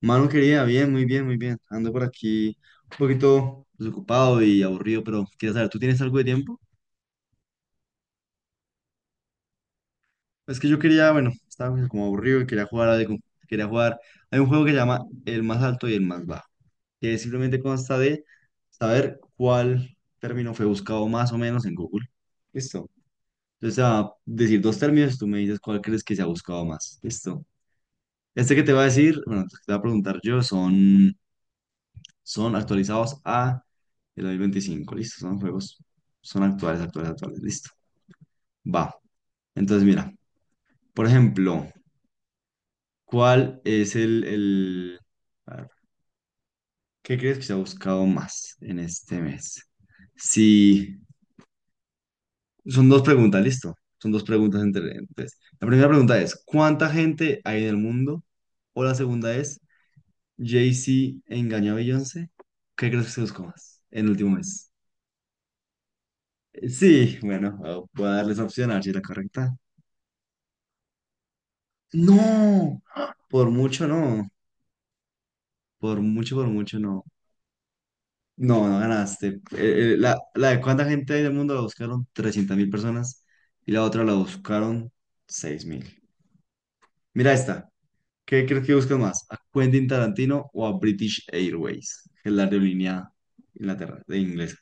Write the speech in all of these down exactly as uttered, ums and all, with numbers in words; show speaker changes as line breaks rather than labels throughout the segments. Mano querida, bien, muy bien, muy bien. Ando por aquí un poquito desocupado y aburrido, pero quería saber, ¿tú tienes algo de tiempo? Es que yo quería, bueno, estaba pues como aburrido y quería jugar algo. Quería jugar. Hay un juego que se llama El más alto y el más bajo, que simplemente consta de saber cuál término fue buscado más o menos en Google. Listo. Entonces te va a decir dos términos, tú me dices cuál crees que se ha buscado más. Listo. Este que te va a decir, bueno, que te va a preguntar yo son son actualizados a el dos mil veinticinco. Listo, son juegos, son actuales, actuales, actuales. Listo. Va. Entonces, mira, por ejemplo, ¿cuál es el, el... A ver, ¿qué crees que se ha buscado más en este mes? Si son dos preguntas, listo. Son dos preguntas entre... Entonces, la primera pregunta es, ¿cuánta gente hay en el mundo? O la segunda es, ¿Jay-Z engañó a Beyoncé? ¿Qué crees que se buscó más en el último mes? Sí, bueno, ah, voy a darles opción a ver si es la correcta. No, por mucho no, por mucho, por mucho no. No, no ganaste. Eh, eh, la, la de cuánta gente hay en el mundo la buscaron trescientas mil personas y la otra la buscaron seis mil. Mira esta. ¿Qué crees que buscan más? ¿A Quentin Tarantino o a British Airways? Que es la aerolínea Inglaterra, de inglés.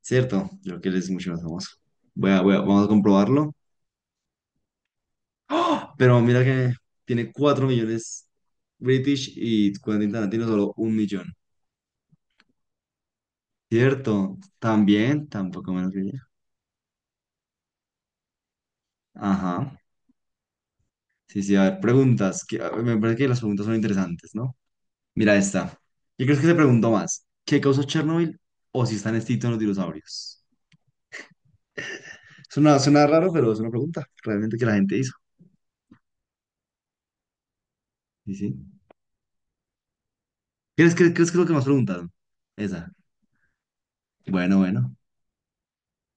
¿Cierto? Yo creo que él es mucho más famoso. Voy a- voy a- vamos a comprobarlo. ¡Ah! Pero mira que tiene cuatro millones British y Quentin Tarantino solo un millón. ¿Cierto? También, tampoco menos que ella. Ajá. Sí, sí, a ver, preguntas. Que, a ver, me parece que las preguntas son interesantes, ¿no? Mira esta. Yo creo que se preguntó más. ¿Qué causó Chernobyl o si están extintos los dinosaurios? Suena, suena raro, pero es una pregunta realmente que la gente hizo. Sí, sí. ¿Crees que, crees que es lo que más preguntaron? Esa. Bueno, bueno.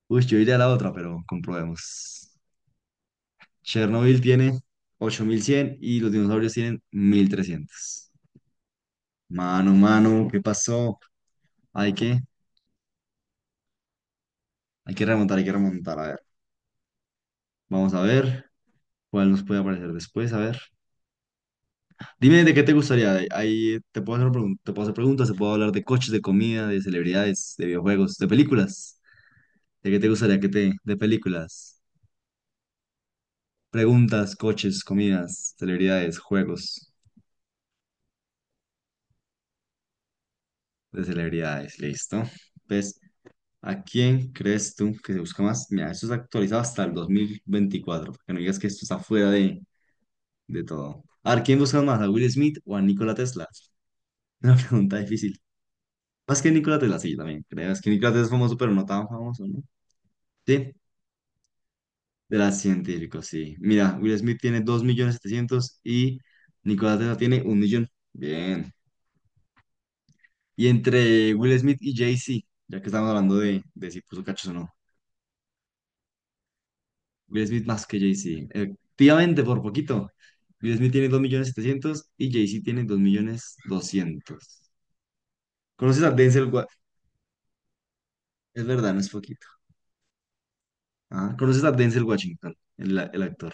Uy, yo iría a la otra, pero comprobemos. Chernobyl tiene ocho mil cien y los dinosaurios tienen mil trescientos. Mano, mano, ¿qué pasó? Hay que, hay que remontar, hay que remontar. A ver, vamos a ver cuál nos puede aparecer después. A ver, dime de qué te gustaría. Ahí ahí te puedo hacer, pregun- te puedo hacer preguntas, te puedo hablar de coches, de comida, de celebridades, de videojuegos, de películas. ¿De qué te gustaría que te, de películas? Preguntas, coches, comidas, celebridades, juegos de celebridades. Listo. Pues ¿a quién crees tú que se busca más? Mira, esto está actualizado hasta el dos mil veinticuatro, para que no digas que esto está fuera de, de todo. A ver, ¿quién busca más? ¿A Will Smith o a Nikola Tesla? Una pregunta difícil. Más que Nikola Tesla, sí, también creo. Es que Nikola Tesla es famoso, pero no tan famoso, ¿no? Sí, de las científicos, sí. Mira, Will Smith tiene dos millones setecientos y Nikola Tesla tiene un millón. Bien. Y entre Will Smith y Jay-Z, ya que estamos hablando de, de si puso cachos o no. Will Smith más que Jay-Z. Efectivamente, por poquito. Will Smith tiene dos millones setecientos y Jay-Z tiene dos millones doscientos. ¿Conoces a Denzel Washington? Es verdad, no es poquito. Ah, ¿conoces a Denzel Washington, el, el actor?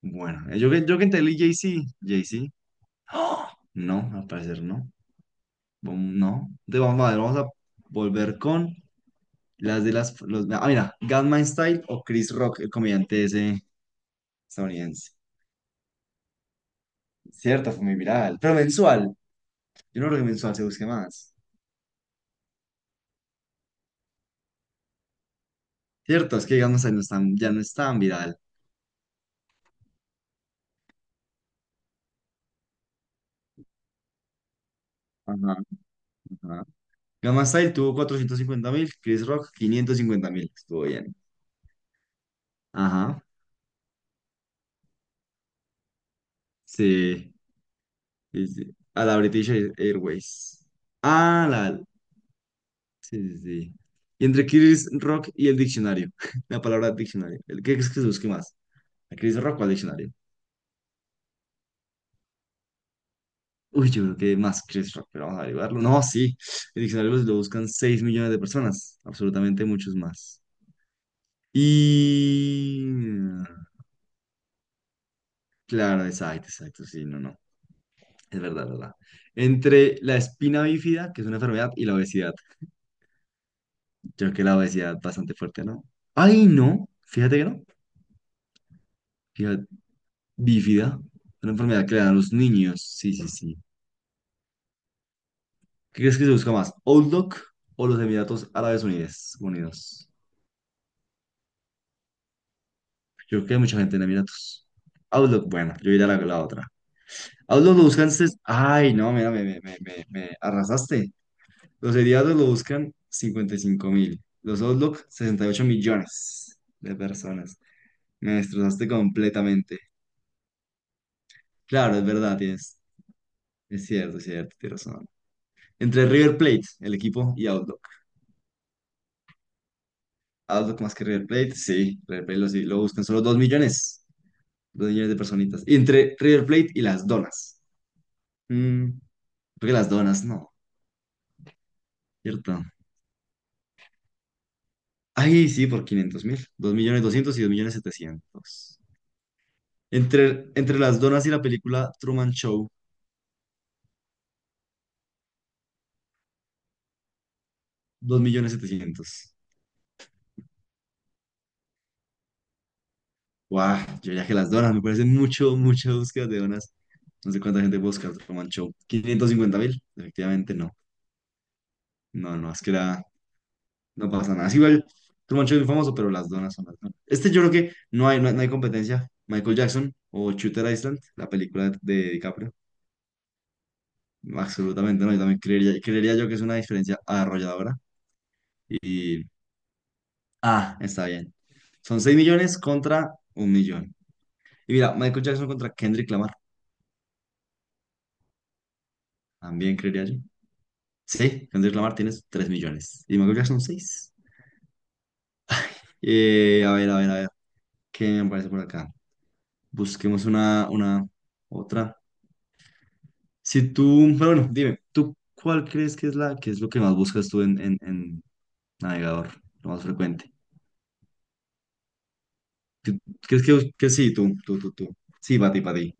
Bueno, eh, yo, que- yo que entendí Jay-Z. Jay-Z. ¡Ah! No, al parecer no. Vam- No. Entonces, vamos a ver, vamos a volver con las de las... Los, ah, mira, Gangnam Style o Chris Rock, el comediante ese estadounidense. Cierto, fue muy viral, pero mensual. Yo no creo que mensual se busque más. Cierto, es que Gangnam Style no es tan- ya no es tan viral. Ajá, ajá. Gangnam Style tuvo cuatrocientos cincuenta mil, Chris Rock quinientos cincuenta mil. Estuvo bien. Ajá, sí, sí, sí. A la British Air- Airways. Ah, la. Sí, sí, sí. Y entre Chris Rock y el diccionario. La palabra diccionario. ¿El qué crees que se busque más? ¿A Chris Rock o al diccionario? Uy, yo creo que más Chris Rock, pero vamos a averiguarlo. No, sí. El diccionario lo lo buscan seis millones de personas. Absolutamente muchos más. Y. Claro, exacto, exacto, sí, no, no, es verdad, verdad. Entre la espina bífida, que es una enfermedad, y la obesidad. Yo creo que la obesidad es bastante fuerte, ¿no? Ay, no, fíjate que no. Fíjate, bífida, una enfermedad que le dan a los niños, sí, sí, sí. ¿Qué crees que se busca más? ¿Outlook o los Emiratos Árabes Unidos? Unidos. Yo creo que hay mucha gente en Emiratos. Outlook, bueno, yo iré a la, la otra. Outlook lo buscan, ses- ay, no, mira, me, me, me, me me arrasaste. Los seriados lo buscan cincuenta y cinco mil. Los Outlook, sesenta y ocho millones de personas. Me destrozaste completamente. Claro, es verdad, tienes. Es cierto, es cierto, tienes razón. Entre River Plate, el equipo, y Outlook. Outlook más que River Plate, sí. River Plate lo, sí, lo buscan solo dos millones. Dos millones de personitas. Y entre River Plate y las donas. Mm, creo que las donas, no. ¿Cierto? Ahí sí, por quinientos mil. Dos millones doscientos y dos millones setecientos. Entre, entre las donas y la película Truman Show, dos millones setecientos. Guau, yo ya que las donas, me parece mucho, mucha búsqueda de donas. No sé cuánta gente busca Truman Show. Quinientos cincuenta mil, efectivamente no. No, no, es que era, no pasa nada. Es igual, Truman Show es muy famoso, pero las donas son las donas. Este yo creo que no hay, no hay, no hay competencia. Michael Jackson o Shooter Island, la película de de DiCaprio. Absolutamente no, yo también creería, creería yo que es una diferencia arrolladora. Y, ah, está bien. Son seis millones contra un millón. Y mira, Michael Jackson contra Kendrick Lamar. También creería yo. Sí, Kendrick Lamar tienes tres millones. Y Michael Jackson seis. Eh, a ver, a ver, a ver. ¿Qué me parece por acá? Busquemos una, una, otra. Si tú, pero bueno, dime, ¿tú cuál crees que es la, que es lo que más buscas tú en, en, en navegador? Lo más frecuente. ¿Tú ¿Crees que, bus- que sí, tú, tú, tú, tú? Sí, para ti, para ti.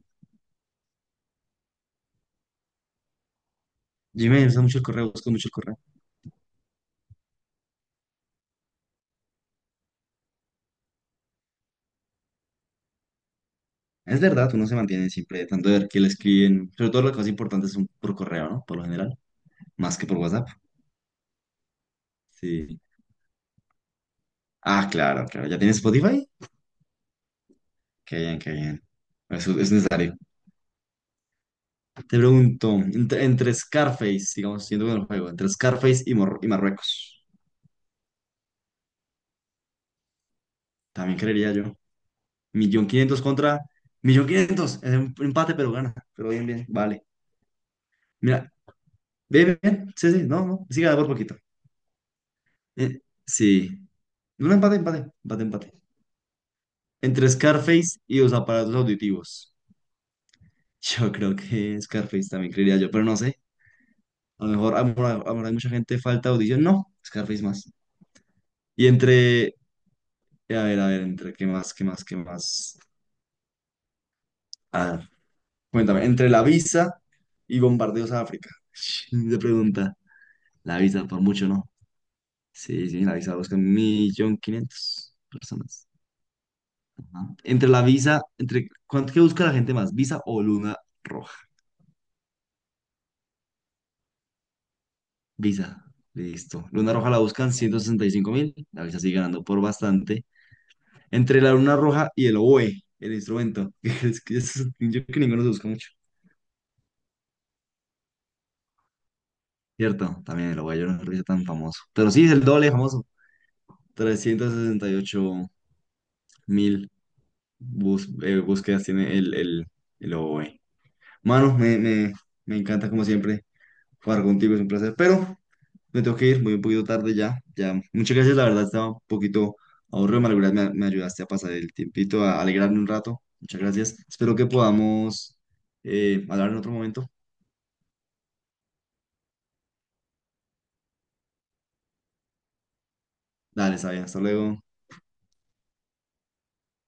Gmail usa mucho el correo, busca mucho el correo. Es verdad, uno se mantiene siempre tanto de ver que le escriben, sobre todo las cosas importantes son por correo, ¿no? Por lo general, más que por WhatsApp. Sí. Ah, claro, claro. ¿Ya tienes Spotify? Qué bien, qué bien. Es, es necesario. Te pregunto, entre, entre Scarface, digamos, siendo con el juego, entre Scarface y, Mor- y Marruecos, también creería yo. Millón quinientos contra millón quinientos. Es un empate, pero gana. Pero bien, bien, vale. Mira, bien, bien, bien. Sí, sí, no, no. Siga por poquito. Eh, sí. Un empate, empate, empate, empate. Entre Scarface y los aparatos auditivos. Yo creo que Scarface también creería yo, pero no sé. A lo mejor, a lo mejor- a lo mejor hay mucha gente falta de audición. No, Scarface más. Y entre, a ver, a ver, entre qué más, qué más, qué más. A ver, cuéntame, entre la visa y bombardeos a África. Se pregunta, la visa por mucho, ¿no? Sí, sí, la visa busca un millón quinientos personas. Ajá. Entre la visa, entre, ¿cuánto que busca la gente más? ¿Visa o luna roja? Visa, listo. Luna roja la buscan ciento sesenta y cinco mil, la visa sigue ganando por bastante. Entre la luna roja y el oboe, el instrumento. Es que es, yo creo que ninguno se busca mucho. Cierto, también el oboe, yo no creo que sea tan famoso. Pero sí, es el doble de famoso. Trescientos sesenta y ocho mil bus- eh, búsquedas tiene el, el, el oboe. Mano, me, me, me encanta como siempre jugar contigo, es un placer. Pero me tengo que ir, voy un poquito tarde ya. Ya, muchas gracias, la verdad estaba un poquito aburrido, me, alegra- me, me ayudaste a pasar el tiempito, a alegrarme un rato. Muchas gracias. Espero que podamos eh, hablar en otro momento. Dale, Sabina, hasta luego.